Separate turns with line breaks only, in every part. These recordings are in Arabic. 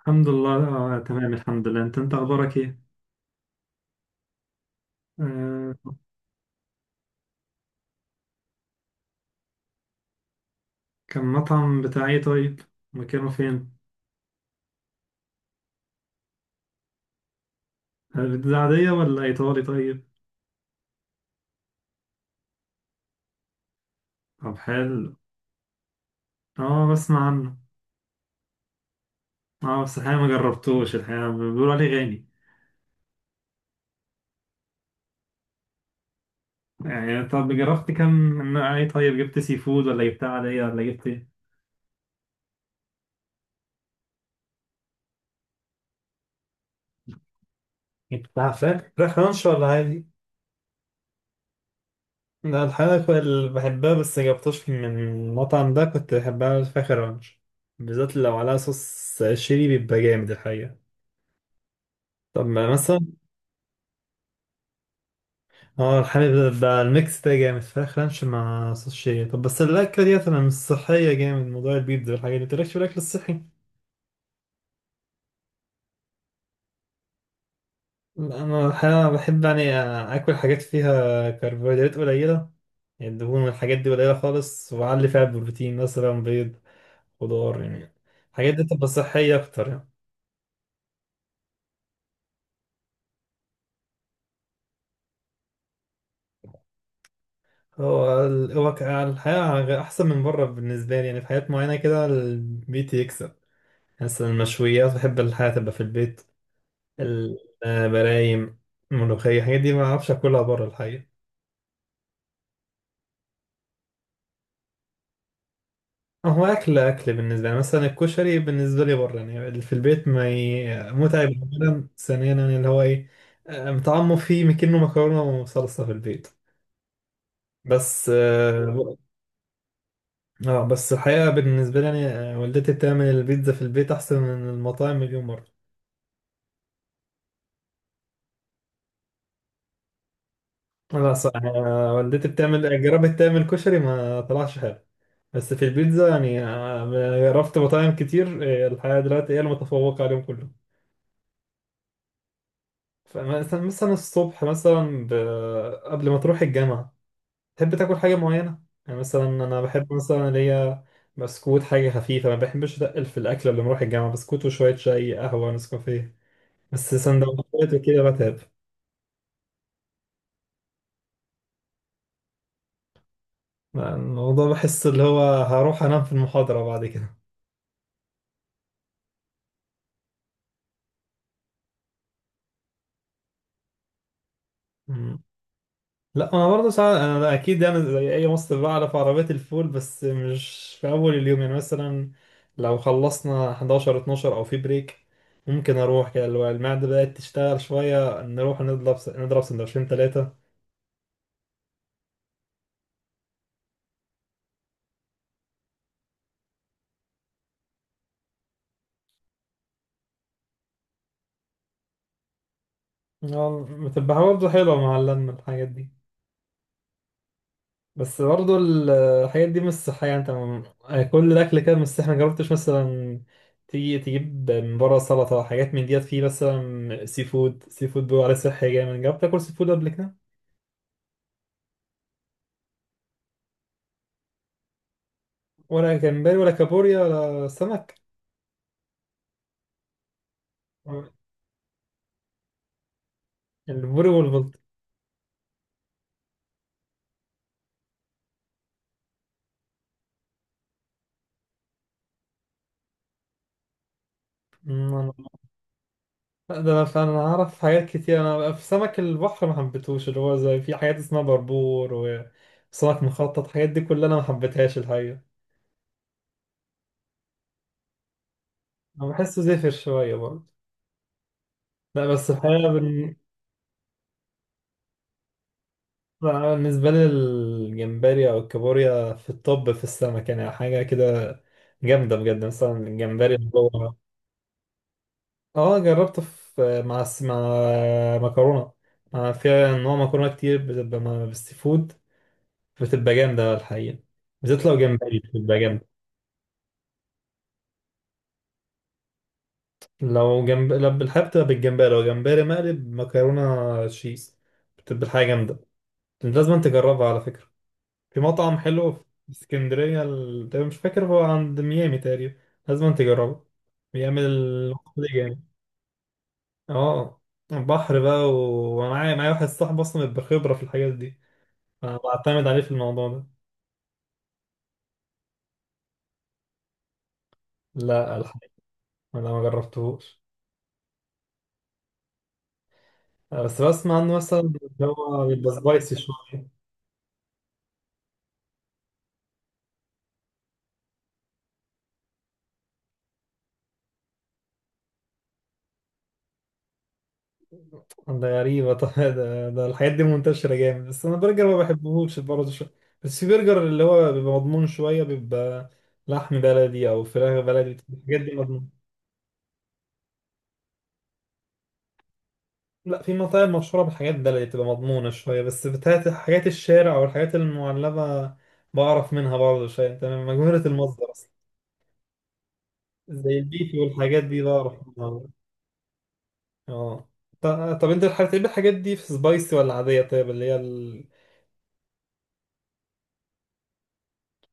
الحمد لله. تمام الحمد لله. انت اخبارك ايه؟ آه، كان مطعم بتاع ايه طيب؟ مكانه فين؟ ده عادية ولا ايطالي طيب؟ طب حلو. اه، بسمع عنه. اه بس الحقيقة ما جربتوش، الحقيقة بيقولوا عليه غالي. يعني طب جربت كم نوع ايه طيب؟ جبت سي فود ولا جبتها عادية ولا جبت ايه؟ جبتها فراخ، فراخ رانش ولا عادي؟ لا الحقيقة كنت بحبها بس جبتوش من المطعم ده، كنت بحبها فراخ رانش بالذات لو عليها صوص شيري بيبقى جامد الحقيقة. طب ما مثلا، اه الحليب ده، الميكس ده جامد، فراخ رانش مع صوص شيا. طب بس الأكلة دي أنا مش صحية جامد، موضوع البيتزا والحاجات دي متقلقش في الأكل الصحي. أنا الحقيقة بحب يعني آكل حاجات فيها كربوهيدرات قليلة، يعني الدهون والحاجات دي قليلة خالص، وأعلي فيها بروتين مثلا بيض، خضار يعني. الحاجات دي تبقى صحية أكتر يعني. هو ال- هو ك- الحقيقة أحسن من بره بالنسبة لي، يعني في حاجات معينة كده البيت يكسب. مثلا المشويات بحب الحياة تبقى في البيت. الملايم، الملوخية، الحاجات دي ما أعرفش أكلها بره الحقيقة. هو أكل بالنسبة لي مثلا الكشري، بالنسبة لي بره يعني، اللي في البيت ما ي... متعب. أولا ثانيا يعني اللي هو إيه، متعمق فيه، مكنه مكرونة وصلصة في البيت بس. بس الحقيقة بالنسبة لي يعني، والدتي بتعمل البيتزا في البيت أحسن من المطاعم مليون مرة. خلاص، والدتي بتعمل، جربت تعمل كشري ما طلعش حلو، بس في البيتزا يعني، جربت مطاعم كتير. الحقيقة دلوقتي هي المتفوقة عليهم كلهم. فمثلا الصبح مثلا قبل ما تروح الجامعة تحب تاكل حاجة معينة، يعني مثلا أنا بحب مثلا اللي هي بسكوت، حاجة خفيفة، ما بحبش أتقل في الأكل قبل ما أروح الجامعة، بسكوت وشوية شاي، قهوة، نسكافيه، بس سندوتشات وكده بتعب. الموضوع بحس اللي هو هروح أنام في المحاضرة بعد كده. لا انا برضه ساعات، انا اكيد انا زي اي مصري بعرف عربيات الفول، بس مش في اول اليوم يعني. مثلا لو خلصنا 11 12 او في بريك ممكن اروح كده، اللي هو المعده بدات تشتغل شويه، نروح نضرب سندوتشين ثلاثه. بتبقى برضه حلوه مع اللمه الحاجات دي. بس برضه الحاجات دي مش صحيه. كل الاكل كده مش صحي. ما جربتش مثلا تيجي تجيب من بره سلطه، حاجات من ديت، فيه مثلا سي فود. سي فود بيقولوا عليه صحي جامد. جربت تاكل سي فود قبل كده؟ ولا جمبري ولا كابوريا ولا سمك؟ البوري والبلطي؟ أمم، أنا- لا، ده انا فعلا اعرف حاجات كتير. انا في سمك البحر ما حبيتهوش، اللي هو زي في حاجات اسمها بربور وسمك مخطط، الحاجات دي كلها انا ما حبيتهاش الحقيقه. انا بحسه زفر شويه برضه. لا بس الحقيقه بن... لا، بالنسبه لي الجمبري او الكابوريا في الطب في السمك يعني حاجه كده جامده بجد. مثلا الجمبري اللي هو، اه جربته في مع مكرونه، مع فيها نوع مكرونه كتير بتبقى مع بالسي فود، بتبقى جامده الحقيقه، بالذات لو جمبري بتبقى جامده. لو جنب، لو بالحب بتبقى بالجمبري، لو جمبري مقلب مكرونه تشيز بتبقى الحاجه جامده. لازم تجربها على فكره. في مطعم حلو في اسكندريه، تقريبا مش فاكر، هو عند ميامي تقريبا. لازم تجربه، بيعمل الوصفة دي جامد. اه بحر بقى، ومعايا واحد صاحبي اصلا بخبره في الحاجات دي. أنا بعتمد عليه في الموضوع ده. لا الحقيقة أنا ما جربتهوش. بس بسمع عنه، مثلا اللي هو بيبقى سبايسي شوية. ده غريبة طبعا. ده الحاجات دي منتشرة جامد، بس أنا برجر ما بحبهوش برضه شوية. بس في برجر اللي هو بيبقى مضمون شوية، بيبقى لحم بلدي أو فراخ بلدي، الحاجات دي مضمون. لا في مطاعم مشهورة بالحاجات بلدي تبقى مضمونة شوية، بس بتاعت حاجات الشارع أو الحاجات المعلبة بعرف منها برضه شوية، أنت مجهولة المصدر أصلا. زي البيتي والحاجات دي بعرف منها. اه، ط- طب انت بتحب الحاجات دي في سبايسي ولا عادية طيب، اللي هي ال...؟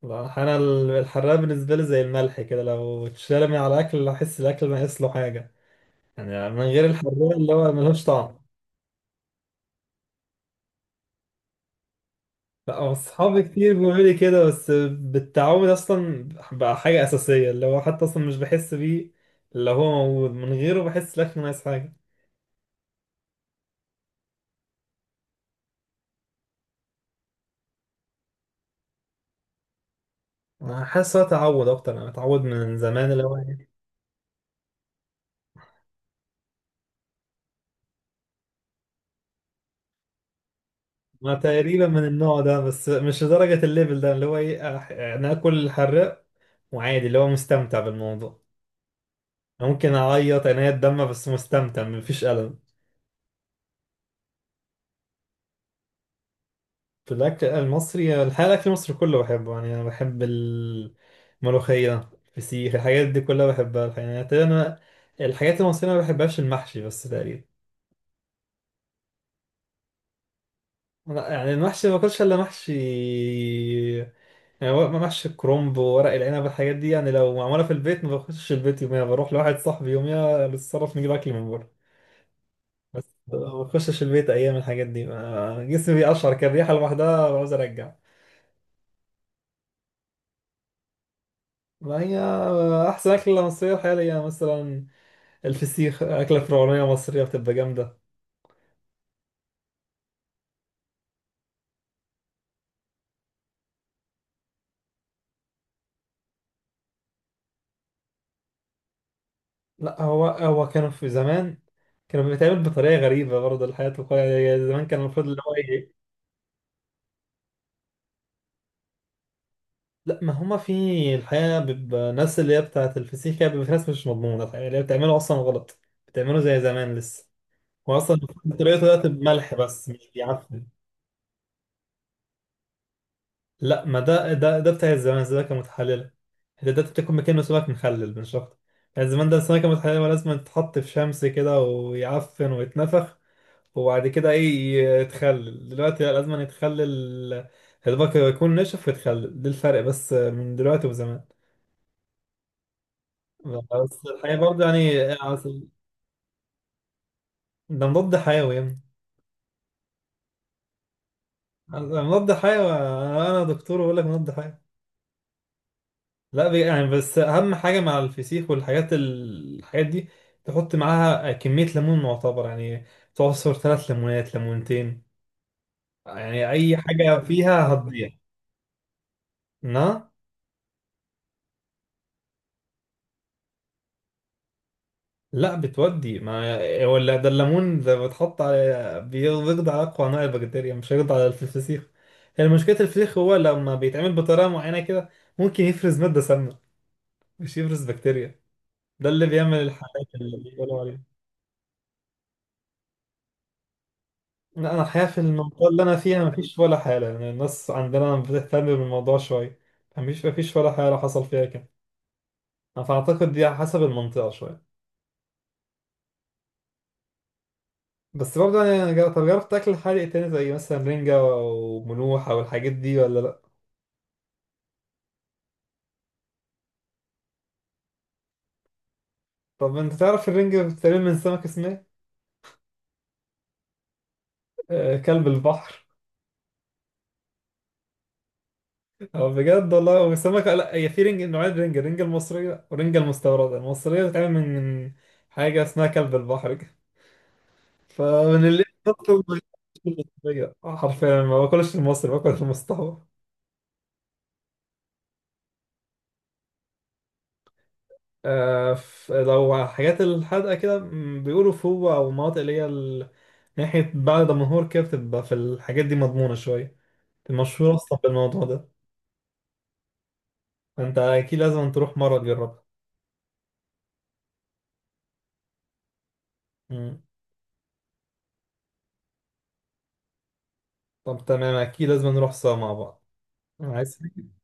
انا الحراق بالنسبة لي زي الملح كده، لو اتشال من على الاكل احس الاكل ناقص له حاجة، يعني من غير الحراق اللي هو ملوش طعم. لا اصحابي كتير بيقولوا لي كده، بس بالتعود اصلا بقى حاجة اساسية، اللي هو حتى اصلا مش بحس بيه، اللي هو موجود من غيره بحس الاكل ناقص حاجة. انا حاسس هو تعود اكتر، انا متعود من زمان اللي هو، ما تقريبا من النوع ده، بس مش لدرجة الليفل ده، اللي هو ايه، انا اكل الحراق وعادي اللي هو مستمتع بالموضوع. ممكن اعيط انا الدم بس مستمتع، مفيش ألم. في الاكل المصري الحقيقة الاكل المصري كله بحبه يعني، انا بحب الملوخية، الفسيخ، الحاجات دي كلها بحبها الحقيقة، يعني تقريباً انا الحاجات المصرية ما بحبهاش المحشي بس تقريبا. لا، يعني المحشي ما باكلش الا محشي، يعني محشي الكرنب وورق العنب، الحاجات دي يعني لو معمولة في البيت ما بخشش البيت يوميها، بروح لواحد صاحبي يوميها للصرف، نجيب أكل من بره، بس ما بخشش البيت أيام الحاجات دي. جسمي بيقشعر كده، الريحة لوحدها بعوز أرجع. ما هي أحسن أكلة مصرية حاليا مثلا، الفسيخ، أكلة فرعونية مصرية بتبقى جامدة. لا هو كانوا في زمان كانوا بيتعمل بطريقة غريبة برضه، الحياة الواقعية زمان كان المفروض اللي هو إيه؟ لا ما هما في الحقيقة بيبقى ناس اللي هي بتاعة الفسيخ، هي بيبقى في ناس مش مضمونة الحقيقة، اللي هي بتعمله أصلا غلط، بتعمله زي زمان لسه. هو أصلا طريقته دلوقتي بملح بس مش بيعفن. لا، ما ده بتاع الزمان ده كان متحللة، ده بتاكل مكانه سمك مخلل مش أكتر. يعني زمان ده السمكة المتحللة لازم تتحط في شمس كده ويعفن ويتنفخ وبعد كده إيه يتخلل، دلوقتي لا لازم يتخلل يا دوبك يكون نشف ويتخلل، ده الفرق بس من دلوقتي وزمان. بس الحقيقة برضه يعني أصل ده مضاد حيوي يعني، مضاد حيوي. أنا دكتور وأقول لك مضاد حيوي. لا، يعني بس أهم حاجة مع الفسيخ والحاجات الحاجات دي، تحط معاها كمية ليمون معتبر يعني، تعصر ثلاث ليمونات، ليمونتين، يعني أي حاجة فيها هتضيع. نعم. لا بتودي ما هو اللي ده الليمون ده بتحط على بيقضي على اقوى انواع البكتيريا، مش هيقضي على الفسيخ. هي مشكله الفسيخ هو لما بيتعمل بطريقه معينه كده ممكن يفرز ماده سامه، مش يفرز بكتيريا، ده اللي بيعمل الحالات اللي بيقولوا عليها. لا انا الحقيقه في المنطقه اللي انا فيها مفيش ولا حاله، يعني الناس عندنا بتهتم بالموضوع شويه. مفيش ولا حاله حصل فيها كده، فاعتقد دي على حسب المنطقه شويه. بس برضه يعني، طب جربت تاكل حادق تاني زي مثلا رنجة وملوحة والحاجات دي ولا لأ؟ طب انت تعرف الرنج بتتعمل من سمك اسمه ايه؟ كلب البحر. هو بجد والله هو سمكة، لا هي في رنج نوعين، رنج، الرنج المصرية والرنج المستوردة. المصرية بتتعمل من حاجة اسمها كلب البحر كده، فمن اللي بطل ما ياكلش المصرية، حرفيا ما باكلش المصري، باكل المستورد. لو حاجات الحدقة كده م، بيقولوا فوق أو مناطق اللي هي ناحية بعد دمنهور كده بتبقى في، الحاجات دي مضمونة شوية، المشهورة أصلا بالموضوع ده. فأنت أكيد لازم تروح مرة تجربها. مم. طب تمام، اكيد لازم نروح سوا مع بعض. عايز حاجة؟